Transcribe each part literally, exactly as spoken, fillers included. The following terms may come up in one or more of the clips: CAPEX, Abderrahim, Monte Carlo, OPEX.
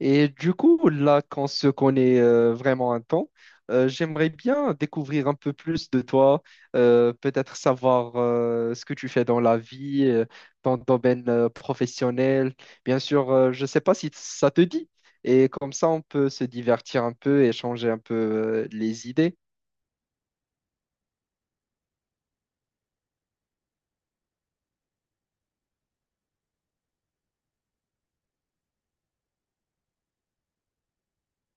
Et du coup, là qu'on se connaît euh, vraiment un temps, euh, j'aimerais bien découvrir un peu plus de toi, euh, peut-être savoir euh, ce que tu fais dans la vie, euh, ton domaine euh, professionnel. Bien sûr, euh, je ne sais pas si ça te dit. Et comme ça, on peut se divertir un peu, échanger un peu euh, les idées.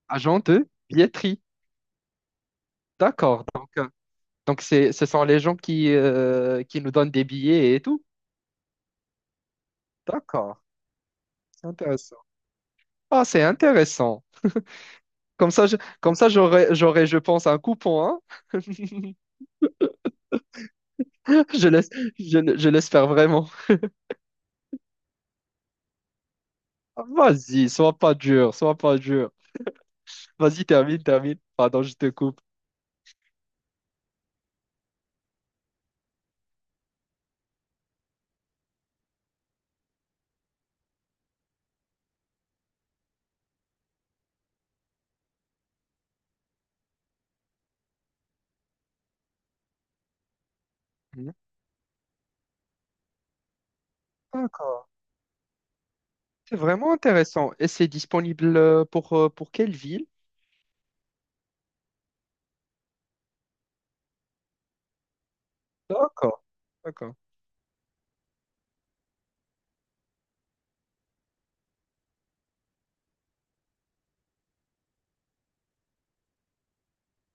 Agent de billetterie. D'accord. Donc, euh, donc c'est, ce sont les gens qui, euh, qui nous donnent des billets et tout. D'accord. C'est intéressant. Ah, c'est intéressant. Comme ça, je- comme ça, j'aurais, j'aurais, je pense, un coupon, hein. Je laisse, je, je l'espère vraiment. Vas-y, sois pas dur, sois pas dur. Vas-y, termine, termine. Pardon, je te coupe. D'accord. C'est vraiment intéressant. Et c'est disponible euh, pour, euh, pour quelle ville? D'accord, d'accord.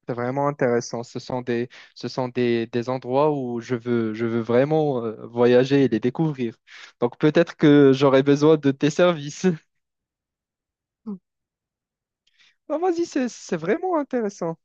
C'est vraiment intéressant. Ce sont des, ce sont des, des endroits où je veux, je veux vraiment euh, voyager et les découvrir. Donc peut-être que j'aurais besoin de tes services. Ah, vas-y, c'est, c'est vraiment intéressant.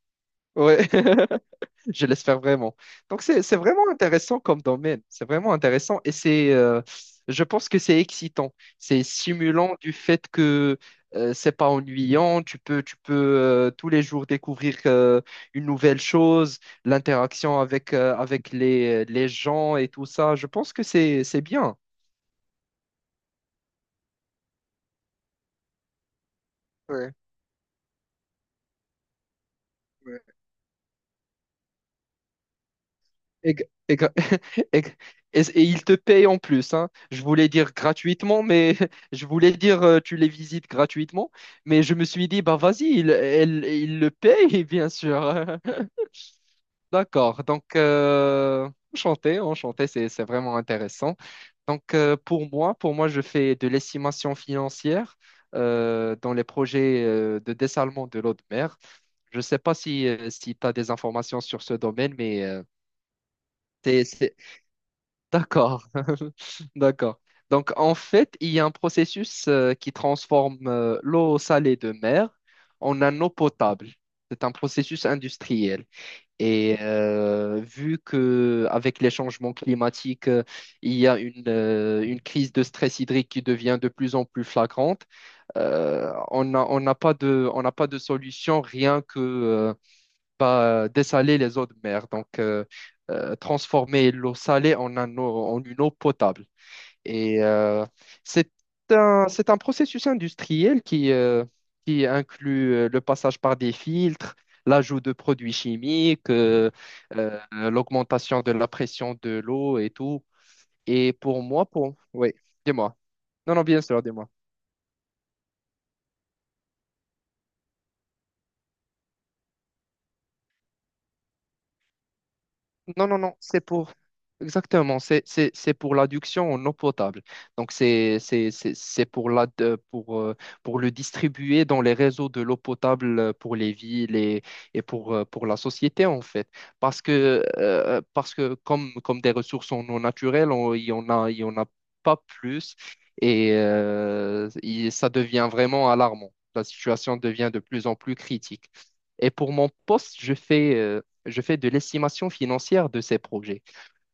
Ouais. Je l'espère vraiment. Donc, c'est, c'est vraiment intéressant comme domaine. C'est vraiment intéressant et c'est, euh, je pense que c'est excitant. C'est stimulant du fait que euh, c'est pas ennuyant. Tu peux, tu peux euh, tous les jours découvrir euh, une nouvelle chose, l'interaction avec, euh, avec les, les gens et tout ça. Je pense que c'est, c'est bien. Ouais. Et, gra- et gra- et gra- et- s- et ils te payent en plus, hein. Je voulais dire gratuitement, mais je voulais dire euh, tu les visites gratuitement, mais je me suis dit, bah vas-y, ils elle- ils le payent, bien sûr. D'accord, donc euh, enchanté, enchanté, c'est, c'est vraiment intéressant. Donc euh, pour moi, pour moi, je fais de l'estimation financière euh, dans les projets euh, de dessalement de l'eau de mer. Je ne sais pas si, tu as des informations sur ce domaine, mais... euh, c'est D'accord, d'accord. Donc en fait, il y a un processus euh, qui transforme euh, l'eau salée de mer en un eau potable. C'est un processus industriel. Et euh, vu que avec les changements climatiques, euh, il y a une, euh, une crise de stress hydrique qui devient de plus en plus flagrante, euh, on n'a on n'a pas de, on n'a pas de solution rien que, euh, pas euh, dessaler les eaux de mer. Donc, euh, euh, transformer l'eau salée en, un eau- en une eau potable. Et euh, c'est un, c'est un processus industriel qui, euh, qui inclut euh, le passage par des filtres, l'ajout de produits chimiques, euh, euh, l'augmentation de la pression de l'eau et tout. Et pour moi, pour... Oui, dis-moi. Non, non, bien sûr, dis-moi. Non, non, non, c'est pour... Exactement, c'est c'est- c'est pour l'adduction en eau potable. Donc, c'est c'est- c'est- c'est pour, la, de- pour, euh, pour le distribuer dans les réseaux de l'eau potable euh, pour les villes et, et pour, euh, pour la société, en fait. Parce que, euh, parce que comme, comme des ressources en eau naturelle, on- il y en a, il y en a pas plus et euh, il- ça devient vraiment alarmant. La situation devient de plus en plus critique. Et pour mon poste, je fais... euh, je fais de l'estimation financière de ces projets.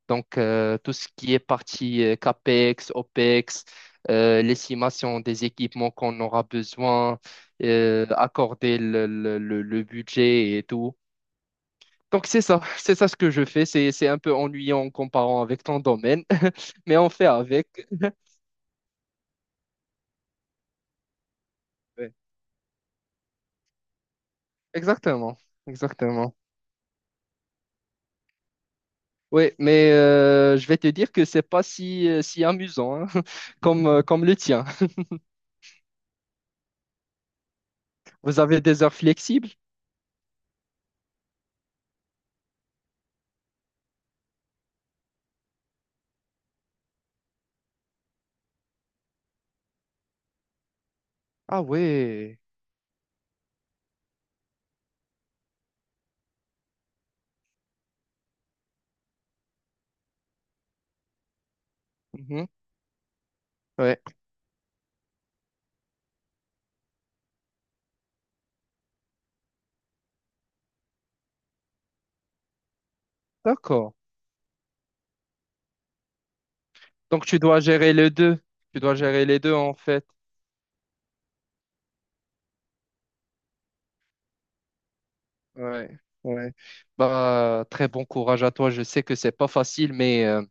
Donc, euh, tout ce qui est partie euh, CAPEX, OPEX, euh, l'estimation des équipements qu'on aura besoin, euh, accorder le, le- le- le budget et tout. Donc, c'est ça, c'est ça ce que je fais. C'est, c'est un peu ennuyant en comparant avec ton domaine, mais on fait avec. Ouais. Exactement, exactement. Oui, mais euh, je vais te dire que c'est pas si, euh, si amusant hein, comme, euh, comme le tien. Vous avez des heures flexibles? Ah ouais. Mhm. Ouais. D'accord. Donc tu dois gérer les deux. Tu dois gérer les deux en fait. Ouais. Ouais. Bah très bon courage à toi. Je sais que c'est pas facile, mais euh,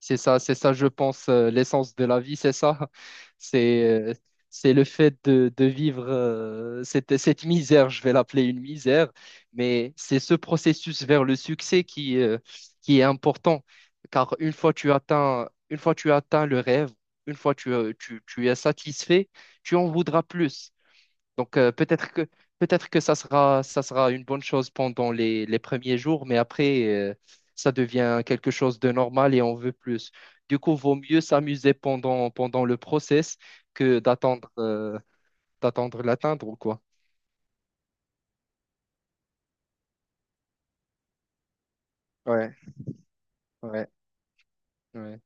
C'est ça, c'est ça, je pense, euh, l'essence de la vie, c'est ça. C'est euh, c'est le fait de, de vivre euh, cette, cette misère, je vais l'appeler une misère, mais c'est ce processus vers le succès qui, euh, qui est important. Car une fois tu atteins, une fois tu atteins le rêve, une fois tu, euh, tu, tu es satisfait, tu en voudras plus. Donc euh, peut-être que peut-être que ça sera ça sera une bonne chose pendant les, les premiers jours, mais après euh, ça devient quelque chose de normal et on veut plus. Du coup, vaut mieux s'amuser pendant pendant le process que d'attendre euh, d'attendre l'atteindre ou quoi. Ouais, ouais. Ouais.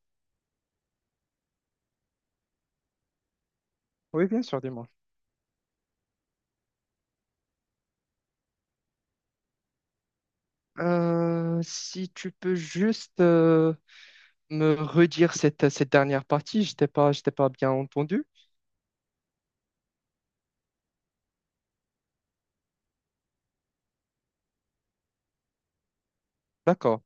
Oui, bien sûr, dis-moi. Euh, si tu peux juste euh, me redire cette, cette dernière partie, je t'ai pas, je t'ai pas bien entendu. D'accord.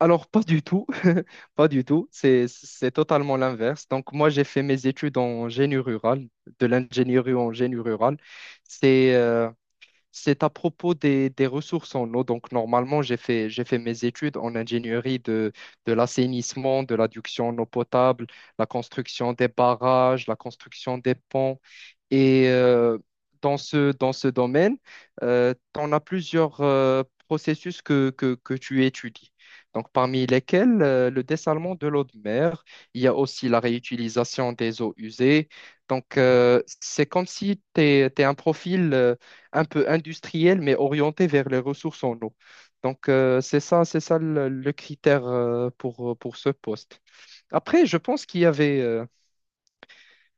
Alors, pas du tout, pas du tout, c'est, c'est totalement l'inverse. Donc, moi, j'ai fait mes études en génie rural, de l'ingénierie en génie rural. C'est euh, c'est à propos des, des ressources en eau. Donc, normalement, j'ai fait, j'ai fait mes études en ingénierie de, de l'assainissement, de l'adduction en eau potable, la construction des barrages, la construction des ponts. Et euh, dans ce, dans ce domaine, euh, tu en as plusieurs euh, processus que, que, que tu étudies. Donc, parmi lesquels euh, le dessalement de l'eau de mer, il y a aussi la réutilisation des eaux usées. Donc, euh, c'est comme si tu es, un profil euh, un peu industriel, mais orienté vers les ressources en eau. Donc, euh, c'est ça, c'est ça le, le critère euh, pour, pour ce poste. Après, je pense qu'il y avait, euh,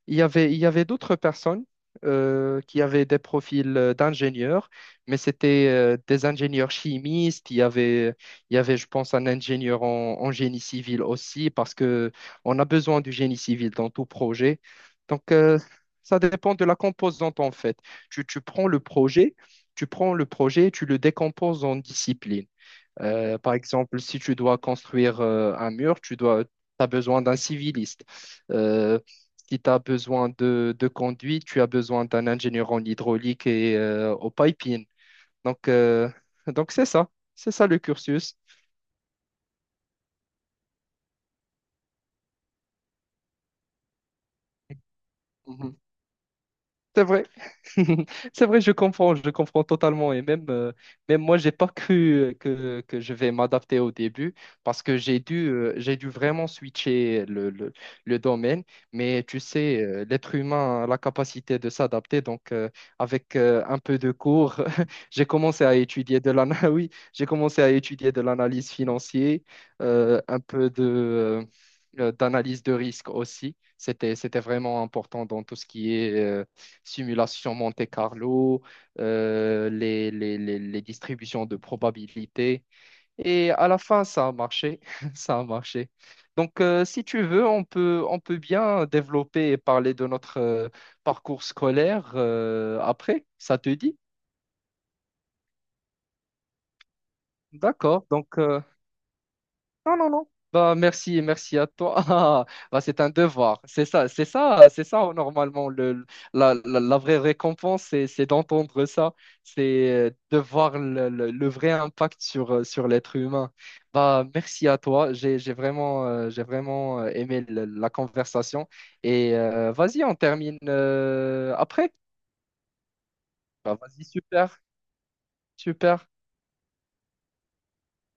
il y avait, il y avait d'autres personnes euh, qui avaient des profils euh, d'ingénieurs, mais c'était euh, des ingénieurs chimistes. Il y avait, il y avait, je pense, un ingénieur en, en génie civil aussi, parce que on a besoin du génie civil dans tout projet. Donc, euh, ça dépend de la composante, en fait. Tu, tu prends le projet, tu prends le projet, tu le décomposes en disciplines. Euh, par exemple, si tu dois construire euh, un mur, tu dois, as besoin d'un civiliste. Euh, si tu as besoin de, de conduite, tu as besoin d'un ingénieur en hydraulique et euh, au piping. Donc, euh, donc c'est ça. C'est ça le cursus. Mhm. C'est vrai. C'est vrai, je comprends, je comprends totalement. Et même, euh, même moi, j'ai pas cru euh, que, que je vais m'adapter au début parce que j'ai dû, euh, j'ai dû vraiment switcher le, le, le domaine. Mais tu sais, euh, l'être humain a la capacité de s'adapter. Donc, euh, avec euh, un peu de cours, j'ai commencé à étudier de l'ana- oui, j'ai commencé à étudier de l'analyse financière, euh, un peu de, euh, d'analyse de risque aussi. C'était, c'était vraiment important dans tout ce qui est euh, simulation Monte Carlo, euh, les, les- les- les distributions de probabilité. Et à la fin, ça a marché. Ça a marché. Donc, euh, si tu veux, on peut, on peut bien développer et parler de notre euh, parcours scolaire euh, après. Ça te dit? D'accord. Donc, euh, Non, non, non. Bah, merci, merci à toi. Ah, bah, c'est un devoir. C'est ça, c'est ça, c'est ça, normalement. Le, la, la, la vraie récompense, c'est, c'est d'entendre ça. C'est euh, de voir le, le, le vrai impact sur, euh, sur l'être humain. Bah, merci à toi. J'ai, j'ai vraiment, euh, j'ai vraiment euh, aimé le- la conversation. Et euh, vas-y, on termine euh, après. Bah, vas-y, super, super.